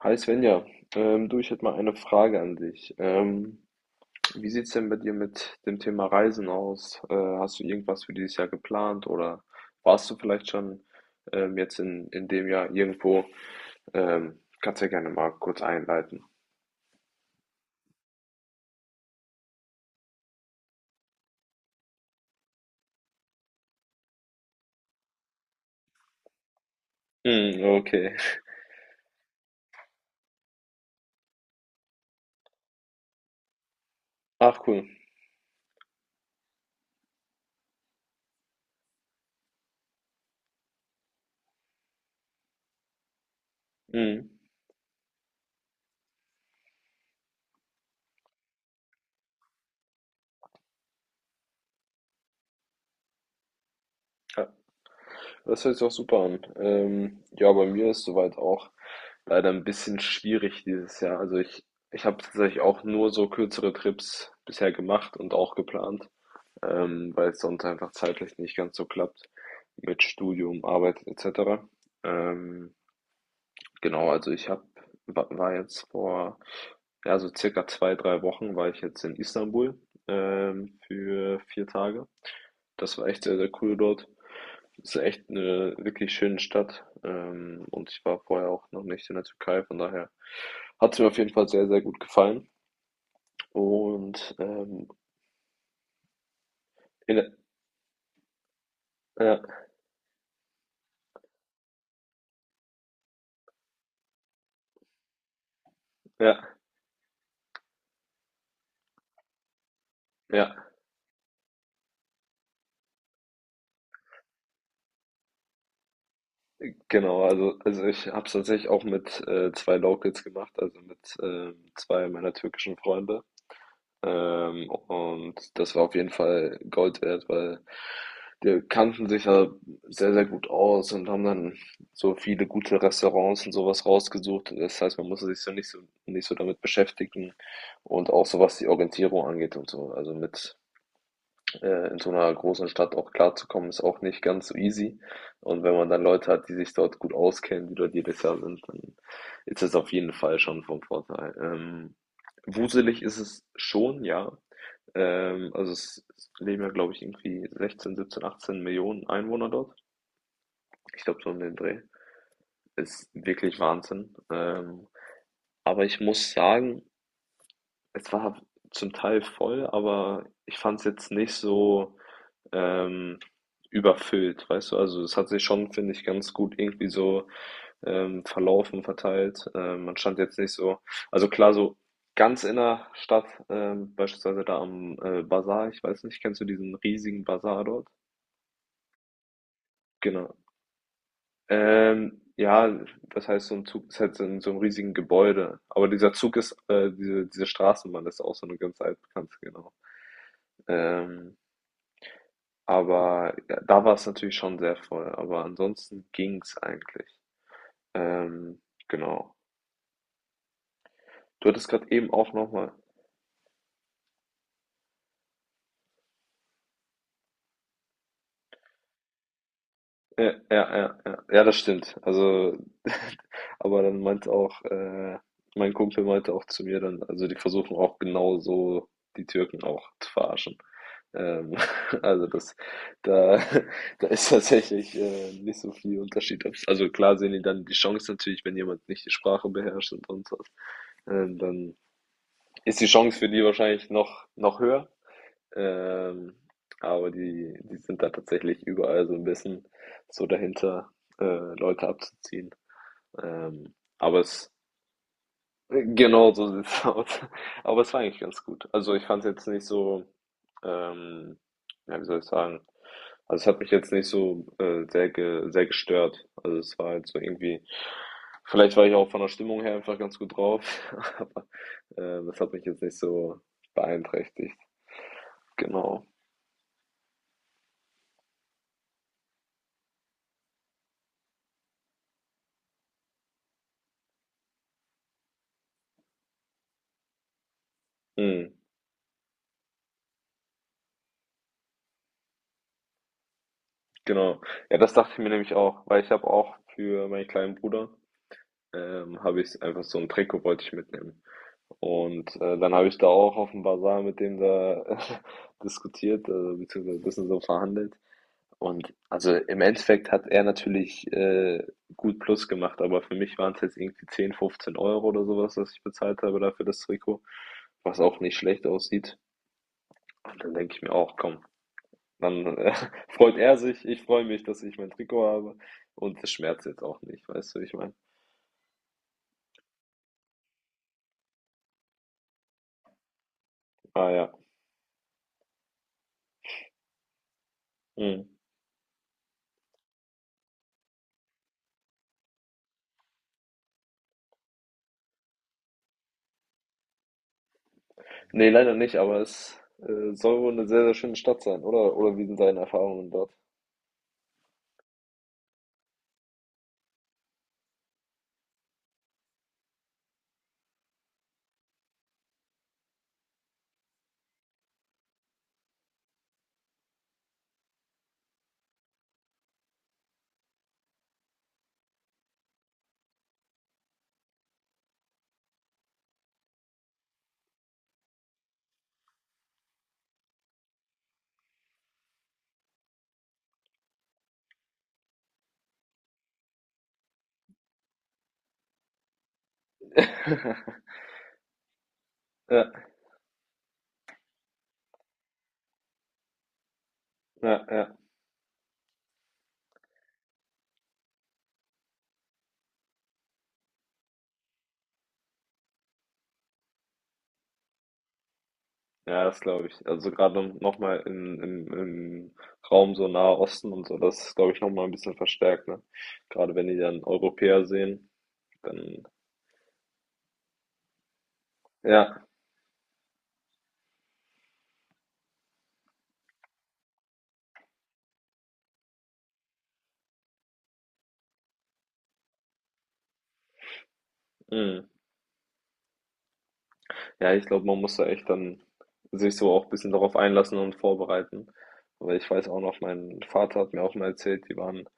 Hi Svenja, du, ich hätte mal eine Frage an dich. Wie sieht's denn bei dir mit dem Thema Reisen aus? Hast du irgendwas für dieses Jahr geplant oder warst du vielleicht schon jetzt in dem Jahr irgendwo? Kannst ja gerne mal kurz einleiten. Mm, okay. Ach cool. Mm. Ja, das hört sich auch super an. Ja, bei mir ist soweit auch leider ein bisschen schwierig dieses Jahr. Ich habe tatsächlich auch nur so kürzere Trips bisher gemacht und auch geplant. Weil es sonst einfach zeitlich nicht ganz so klappt mit Studium, Arbeit etc. Ähm, genau, also ich hab, war jetzt vor, ja, so circa zwei, 3 Wochen war ich jetzt in Istanbul für 4 Tage. Das war echt sehr, sehr cool dort. Es ist echt eine wirklich schöne Stadt, und ich war vorher auch noch nicht in der Türkei, von daher hat es mir auf jeden Fall sehr, sehr gut gefallen. Und in der, ja, ja, ja. Genau, also ich habe es tatsächlich auch mit zwei Locals gemacht, also mit zwei meiner türkischen Freunde. Und das war auf jeden Fall Gold wert, weil die kannten sich ja sehr, sehr gut aus und haben dann so viele gute Restaurants und sowas rausgesucht. Das heißt, man musste sich so nicht so damit beschäftigen und auch so was die Orientierung angeht und so. Also mit in so einer großen Stadt auch klarzukommen, ist auch nicht ganz so easy. Und wenn man dann Leute hat, die sich dort gut auskennen, die dort jedes Jahr sind, dann ist das auf jeden Fall schon vom Vorteil. Wuselig ist es schon, ja. Also es leben ja, glaube ich, irgendwie 16, 17, 18 Millionen Einwohner dort. Ich glaube, so um den Dreh. Ist wirklich Wahnsinn. Aber ich muss sagen, es war zum Teil voll, aber ich fand es jetzt nicht so ähm, überfüllt, weißt du? Also es hat sich schon, finde ich, ganz gut irgendwie so verlaufen, verteilt. Man stand jetzt nicht so, also klar, so ganz in der Stadt, beispielsweise da am Bazar, ich weiß nicht, kennst du diesen riesigen Bazar dort? Genau. Ja, das heißt, so ein Zug ist halt so in so einem riesigen Gebäude. Aber dieser Zug ist, diese Straßenbahn ist auch so eine ganz altbekannte, genau. Ähm, Aber ja, da war es natürlich schon sehr voll. Aber ansonsten ging's eigentlich. Ähm, genau. Du hattest gerade eben auch nochmal. Ja, ja, ja, ja. Ja, das stimmt. Also, aber dann meinte auch, mein Kumpel meinte auch zu mir dann, also die versuchen auch genau so die Türken auch zu verarschen. Ähm, also das, da, da ist tatsächlich nicht so viel Unterschied. Also klar sehen die dann die Chance natürlich, wenn jemand nicht die Sprache beherrscht und sonst was. Dann ist die Chance für die wahrscheinlich noch höher. Ähm, aber die sind da tatsächlich überall so ein bisschen so dahinter, äh, Leute abzuziehen. Aber es genau so sieht's aus. Aber es war eigentlich ganz gut. Also ich fand's jetzt nicht so, ähm, ja, wie soll ich sagen? Also es hat mich jetzt nicht so sehr gestört. Also es war halt so irgendwie, vielleicht war ich auch von der Stimmung her einfach ganz gut drauf, aber das hat mich jetzt nicht so beeinträchtigt. Genau. Mhm, genau. Ja, das dachte ich mir nämlich auch, weil ich habe auch für meinen kleinen Bruder, habe ich einfach so ein Trikot wollte ich mitnehmen. Und dann habe ich da auch auf dem Basar mit dem da diskutiert, beziehungsweise ein bisschen so verhandelt. Und also im Endeffekt hat er natürlich gut Plus gemacht, aber für mich waren es jetzt irgendwie 10 15 Euro oder sowas, was ich bezahlt habe dafür das Trikot, was auch nicht schlecht aussieht. Und dann denke ich mir auch, komm, dann freut er sich, ich freue mich, dass ich mein Trikot habe und es schmerzt jetzt auch nicht, weißt du, wie ich meine? Ah ja. Mhm. Ne, leider nicht, aber es, soll wohl eine sehr, sehr schöne Stadt sein, oder? Oder wie sind deine Erfahrungen dort? Ja, ja, ja. Ja, das glaube ich. Also, gerade noch mal im Raum so Nahe Osten und so, das ist, glaube ich, noch mal 'n bisschen verstärkt, ne? Gerade wenn die dann Europäer sehen, dann ja, mhm. Ja, ich glaube, man muss da echt dann sich so auch ein bisschen darauf einlassen und vorbereiten. Weil ich weiß auch noch, mein Vater hat mir auch mal erzählt, die waren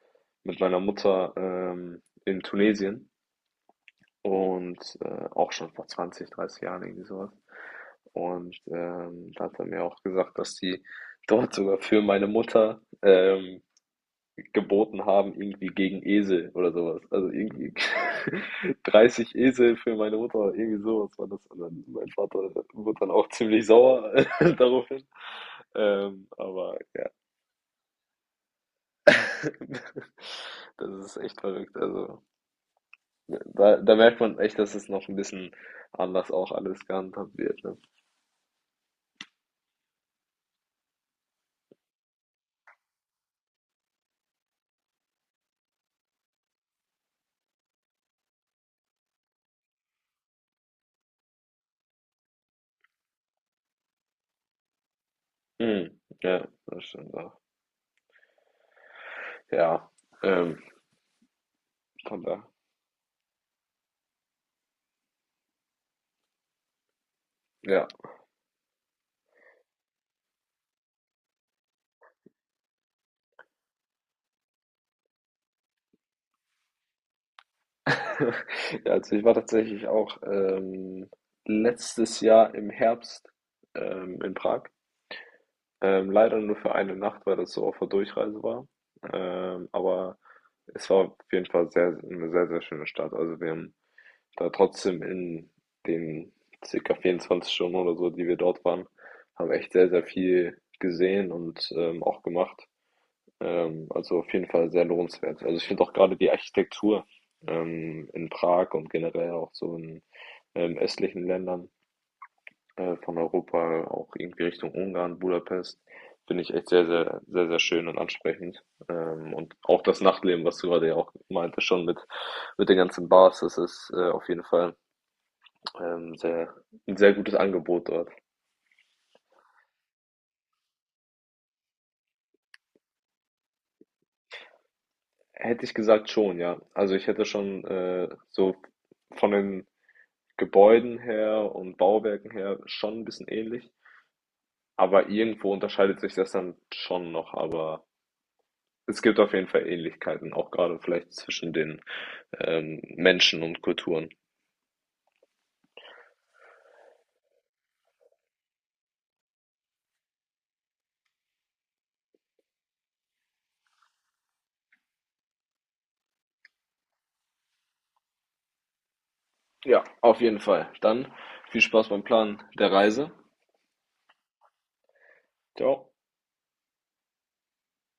mit meiner Mutter, in Tunesien. Und auch schon vor 20 30 Jahren irgendwie sowas. Und da hat er mir auch gesagt, dass die dort sogar für meine Mutter geboten haben, irgendwie gegen Esel oder sowas. Also irgendwie 30 Esel für meine Mutter oder irgendwie sowas war das. Und dann mein Vater wurde dann auch ziemlich sauer daraufhin. Aber ja, das ist echt verrückt. Also da merkt man echt, dass es noch ein bisschen anders auch alles gehandhabt wird. Ne? Mhm. Ja, das stimmt auch. Ja, ähm, von da. Ja. Ja, also ich war tatsächlich auch letztes Jahr im Herbst in Prag. Leider nur für eine Nacht, weil das so auf der Durchreise war. Aber es war auf jeden Fall eine sehr, sehr schöne Stadt. Also wir haben da trotzdem in den circa 24 Stunden oder so, die wir dort waren, haben echt sehr, sehr viel gesehen und auch gemacht. Also auf jeden Fall sehr lohnenswert. Also ich finde auch gerade die Architektur in Prag und generell auch so in östlichen Ländern von Europa, auch irgendwie Richtung Ungarn, Budapest, finde ich echt sehr, sehr, sehr, sehr schön und ansprechend. Und auch das Nachtleben, was du gerade ja auch meinte, schon mit den ganzen Bars, das ist auf jeden Fall sehr, ein sehr gutes Angebot dort. Hätte ich gesagt schon, ja. Also ich hätte schon so von den Gebäuden her und Bauwerken her schon ein bisschen ähnlich, aber irgendwo unterscheidet sich das dann schon noch, aber es gibt auf jeden Fall Ähnlichkeiten, auch gerade vielleicht zwischen den, Menschen und Kulturen. Ja, auf jeden Fall. Dann viel Spaß beim Planen der Reise. Ciao.